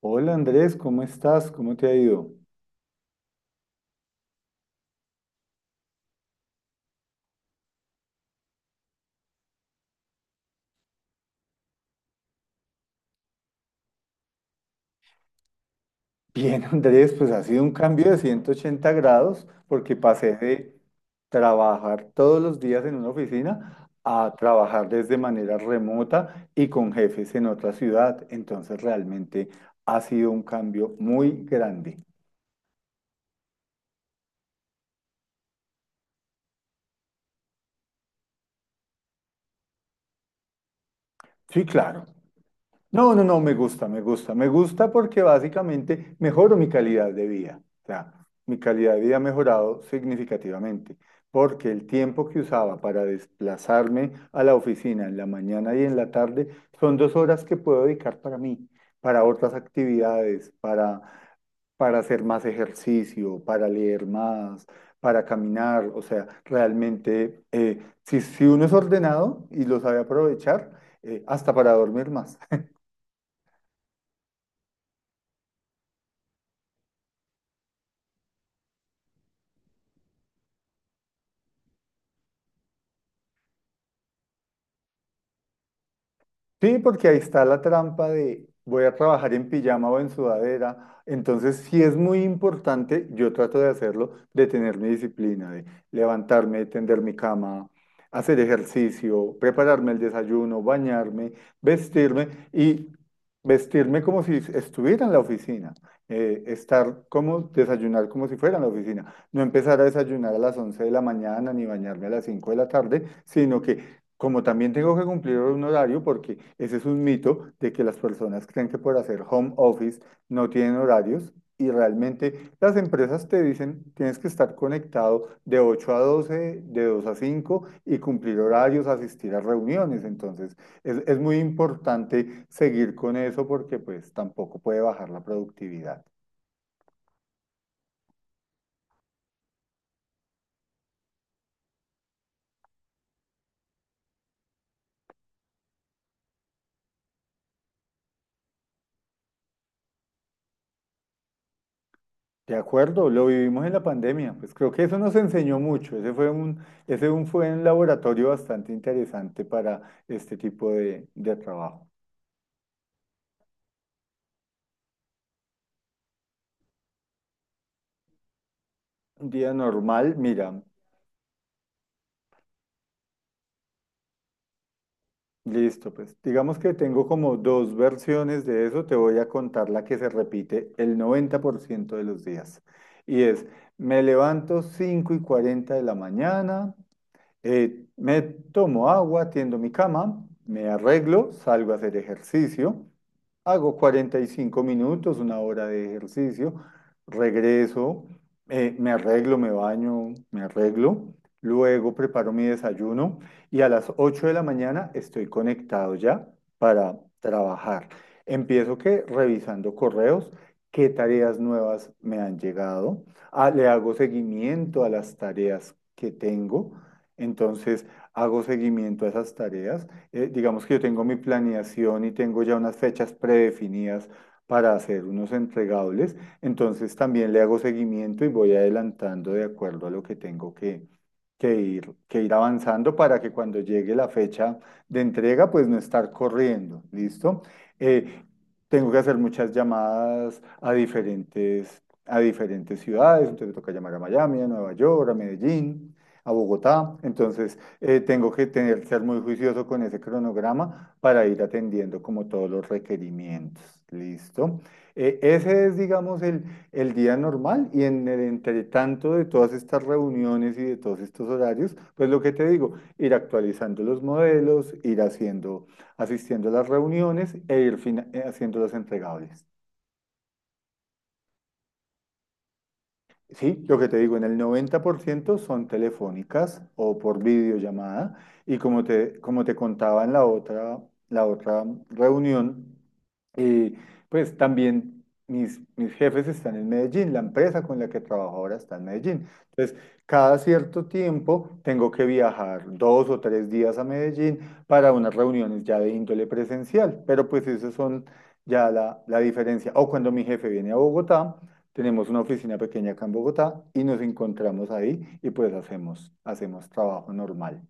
Hola Andrés, ¿cómo estás? ¿Cómo te ha ido? Bien, Andrés, pues ha sido un cambio de 180 grados porque pasé de trabajar todos los días en una oficina a trabajar desde manera remota y con jefes en otra ciudad. Entonces realmente ha sido un cambio muy grande. Sí, claro. No, no, no, me gusta, me gusta, me gusta porque básicamente mejoro mi calidad de vida. O sea, mi calidad de vida ha mejorado significativamente porque el tiempo que usaba para desplazarme a la oficina en la mañana y en la tarde son 2 horas que puedo dedicar para mí, para otras actividades, para hacer más ejercicio, para leer más, para caminar. O sea, realmente, si uno es ordenado y lo sabe aprovechar, hasta para dormir más. Sí, porque ahí está la trampa de voy a trabajar en pijama o en sudadera. Entonces, sí es muy importante, yo trato de hacerlo, de tener mi disciplina, de levantarme, tender mi cama, hacer ejercicio, prepararme el desayuno, bañarme, vestirme y vestirme como si estuviera en la oficina. Desayunar como si fuera en la oficina. No empezar a desayunar a las 11 de la mañana ni bañarme a las 5 de la tarde, sino que como también tengo que cumplir un horario, porque ese es un mito de que las personas creen que por hacer home office no tienen horarios y realmente las empresas te dicen tienes que estar conectado de 8 a 12 de 2 a 5 y cumplir horarios, asistir a reuniones. Entonces es muy importante seguir con eso porque pues tampoco puede bajar la productividad. De acuerdo, lo vivimos en la pandemia, pues creo que eso nos enseñó mucho, ese fue un, ese un- fue un laboratorio bastante interesante para este tipo de trabajo. Un día normal, mira, listo, pues digamos que tengo como dos versiones de eso, te voy a contar la que se repite el 90% de los días. Y es, me levanto 5:40 de la mañana. Me tomo agua, tiendo mi cama, me arreglo, salgo a hacer ejercicio, hago 45 minutos, una hora de ejercicio, regreso, me arreglo, me baño, me arreglo, luego preparo mi desayuno y a las 8 de la mañana estoy conectado ya para trabajar. Empiezo que revisando correos, qué tareas nuevas me han llegado. Ah, le hago seguimiento a las tareas que tengo. Entonces, hago seguimiento a esas tareas. Digamos que yo tengo mi planeación y tengo ya unas fechas predefinidas para hacer unos entregables. Entonces, también le hago seguimiento y voy adelantando de acuerdo a lo que tengo que ir avanzando para que cuando llegue la fecha de entrega, pues no estar corriendo. ¿Listo? Eh, tengo que hacer muchas llamadas a diferentes ciudades. Entonces, me toca llamar a Miami, a Nueva York, a Medellín a Bogotá. Entonces, ser muy juicioso con ese cronograma para ir atendiendo como todos los requerimientos. ¿Listo? Ese es, digamos, el día normal y en el entretanto de todas estas reuniones y de todos estos horarios, pues lo que te digo, ir actualizando los modelos, ir haciendo, asistiendo a las reuniones e haciéndolas entregables. Sí, lo que te digo, en el 90% son telefónicas o por videollamada. Y como te contaba en la otra reunión, eh, pues también mis jefes están en Medellín, la empresa con la que trabajo ahora está en Medellín. Entonces, cada cierto tiempo tengo que viajar 2 o 3 días a Medellín para unas reuniones ya de índole presencial, pero pues esas son ya la diferencia. O cuando mi jefe viene a Bogotá. Tenemos una oficina pequeña acá en Bogotá y nos encontramos ahí y pues hacemos trabajo normal.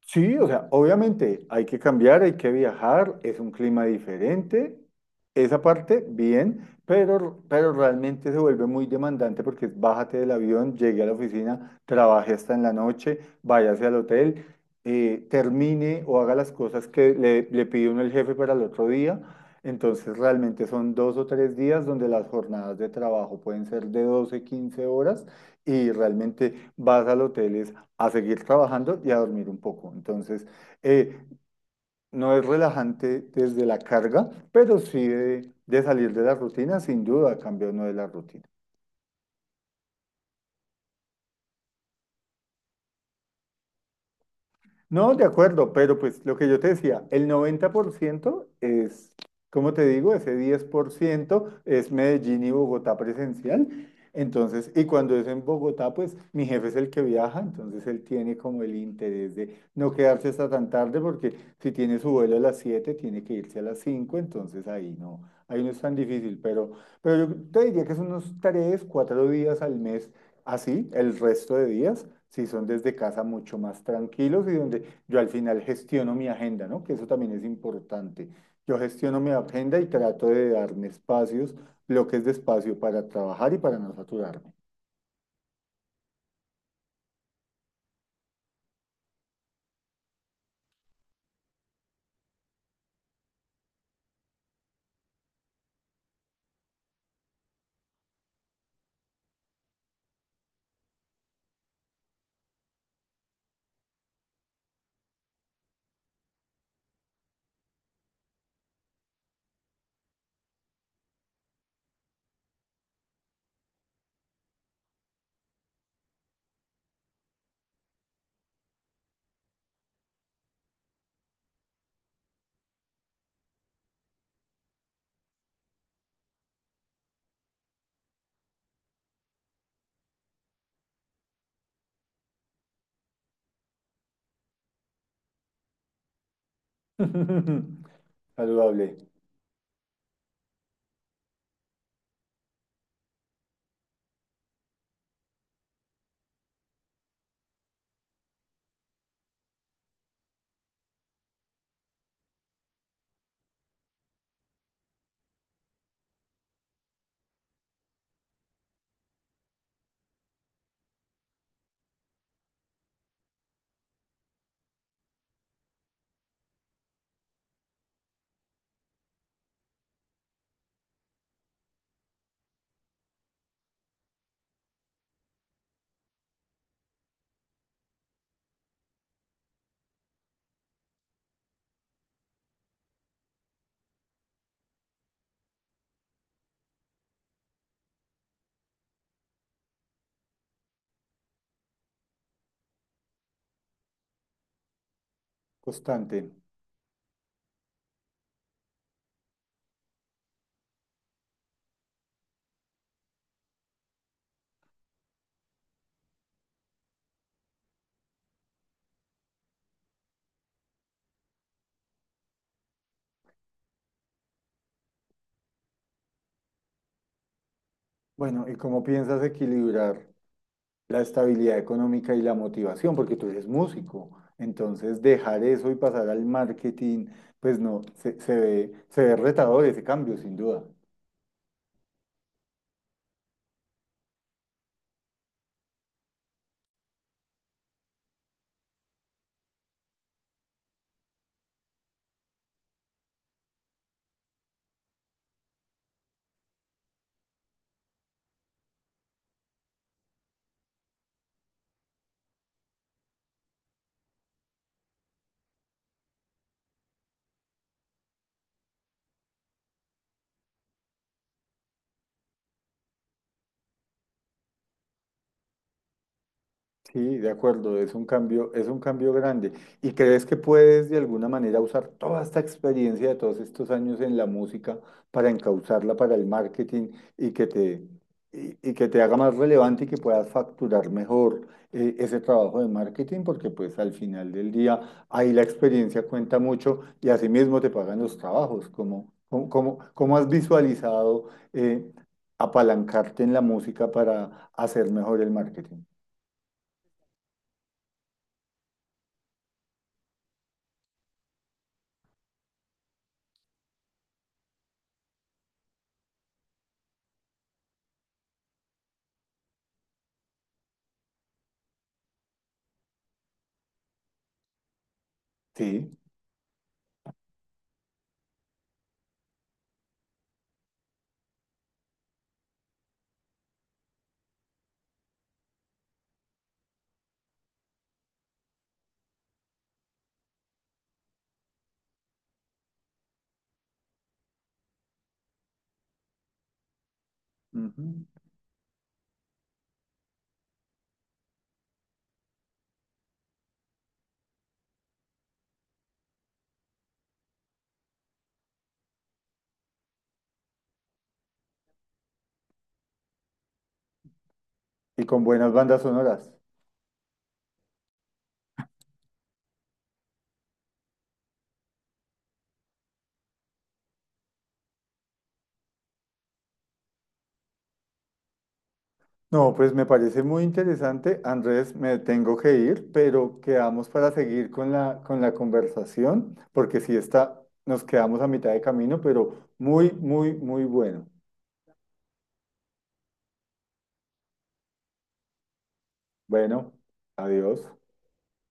Sí, o sea, obviamente hay que cambiar, hay que viajar, es un clima diferente, esa parte bien, pero realmente se vuelve muy demandante porque es bájate del avión, llegue a la oficina, trabaje hasta en la noche, váyase al hotel, termine o haga las cosas que le pide uno el jefe para el otro día. Entonces realmente son 2 o 3 días donde las jornadas de trabajo pueden ser de 12 15 horas y realmente vas al hotel, es a seguir trabajando y a dormir un poco. Entonces, eh, no es relajante desde la carga, pero sí de salir de la rutina, sin duda, cambia uno de la rutina. No, de acuerdo, pero pues lo que yo te decía, el 90% es, como te digo, ese 10% es Medellín y Bogotá presencial. Entonces, y cuando es en Bogotá, pues mi jefe es el que viaja, entonces él tiene como el interés de no quedarse hasta tan tarde, porque si tiene su vuelo a las 7, tiene que irse a las 5, entonces ahí no es tan difícil, pero yo te diría que son unos 3, 4 días al mes. Así, el resto de días, si son desde casa mucho más tranquilos y donde yo al final gestiono mi agenda, ¿no? Que eso también es importante. Yo gestiono mi agenda y trato de darme espacios, bloques de espacio para trabajar y para no saturarme. Saludable, constante. Bueno, ¿y cómo piensas equilibrar la estabilidad económica y la motivación? Porque tú eres músico, entonces dejar eso y pasar al marketing, pues no, se ve retador ese cambio, sin duda. Sí, de acuerdo, es un cambio grande. ¿Y crees que puedes de alguna manera usar toda esta experiencia de todos estos años en la música para encauzarla para el marketing y que te haga más relevante y que puedas facturar mejor ese trabajo de marketing? Porque pues al final del día ahí la experiencia cuenta mucho y asimismo te pagan los trabajos. ¿Cómo has visualizado apalancarte en la música para hacer mejor el marketing? Sí. Ujú. Y con buenas bandas sonoras. No, pues me parece muy interesante. Andrés, me tengo que ir, pero quedamos para seguir con la conversación, porque si está, nos quedamos a mitad de camino, pero muy, muy, muy bueno. Bueno, adiós.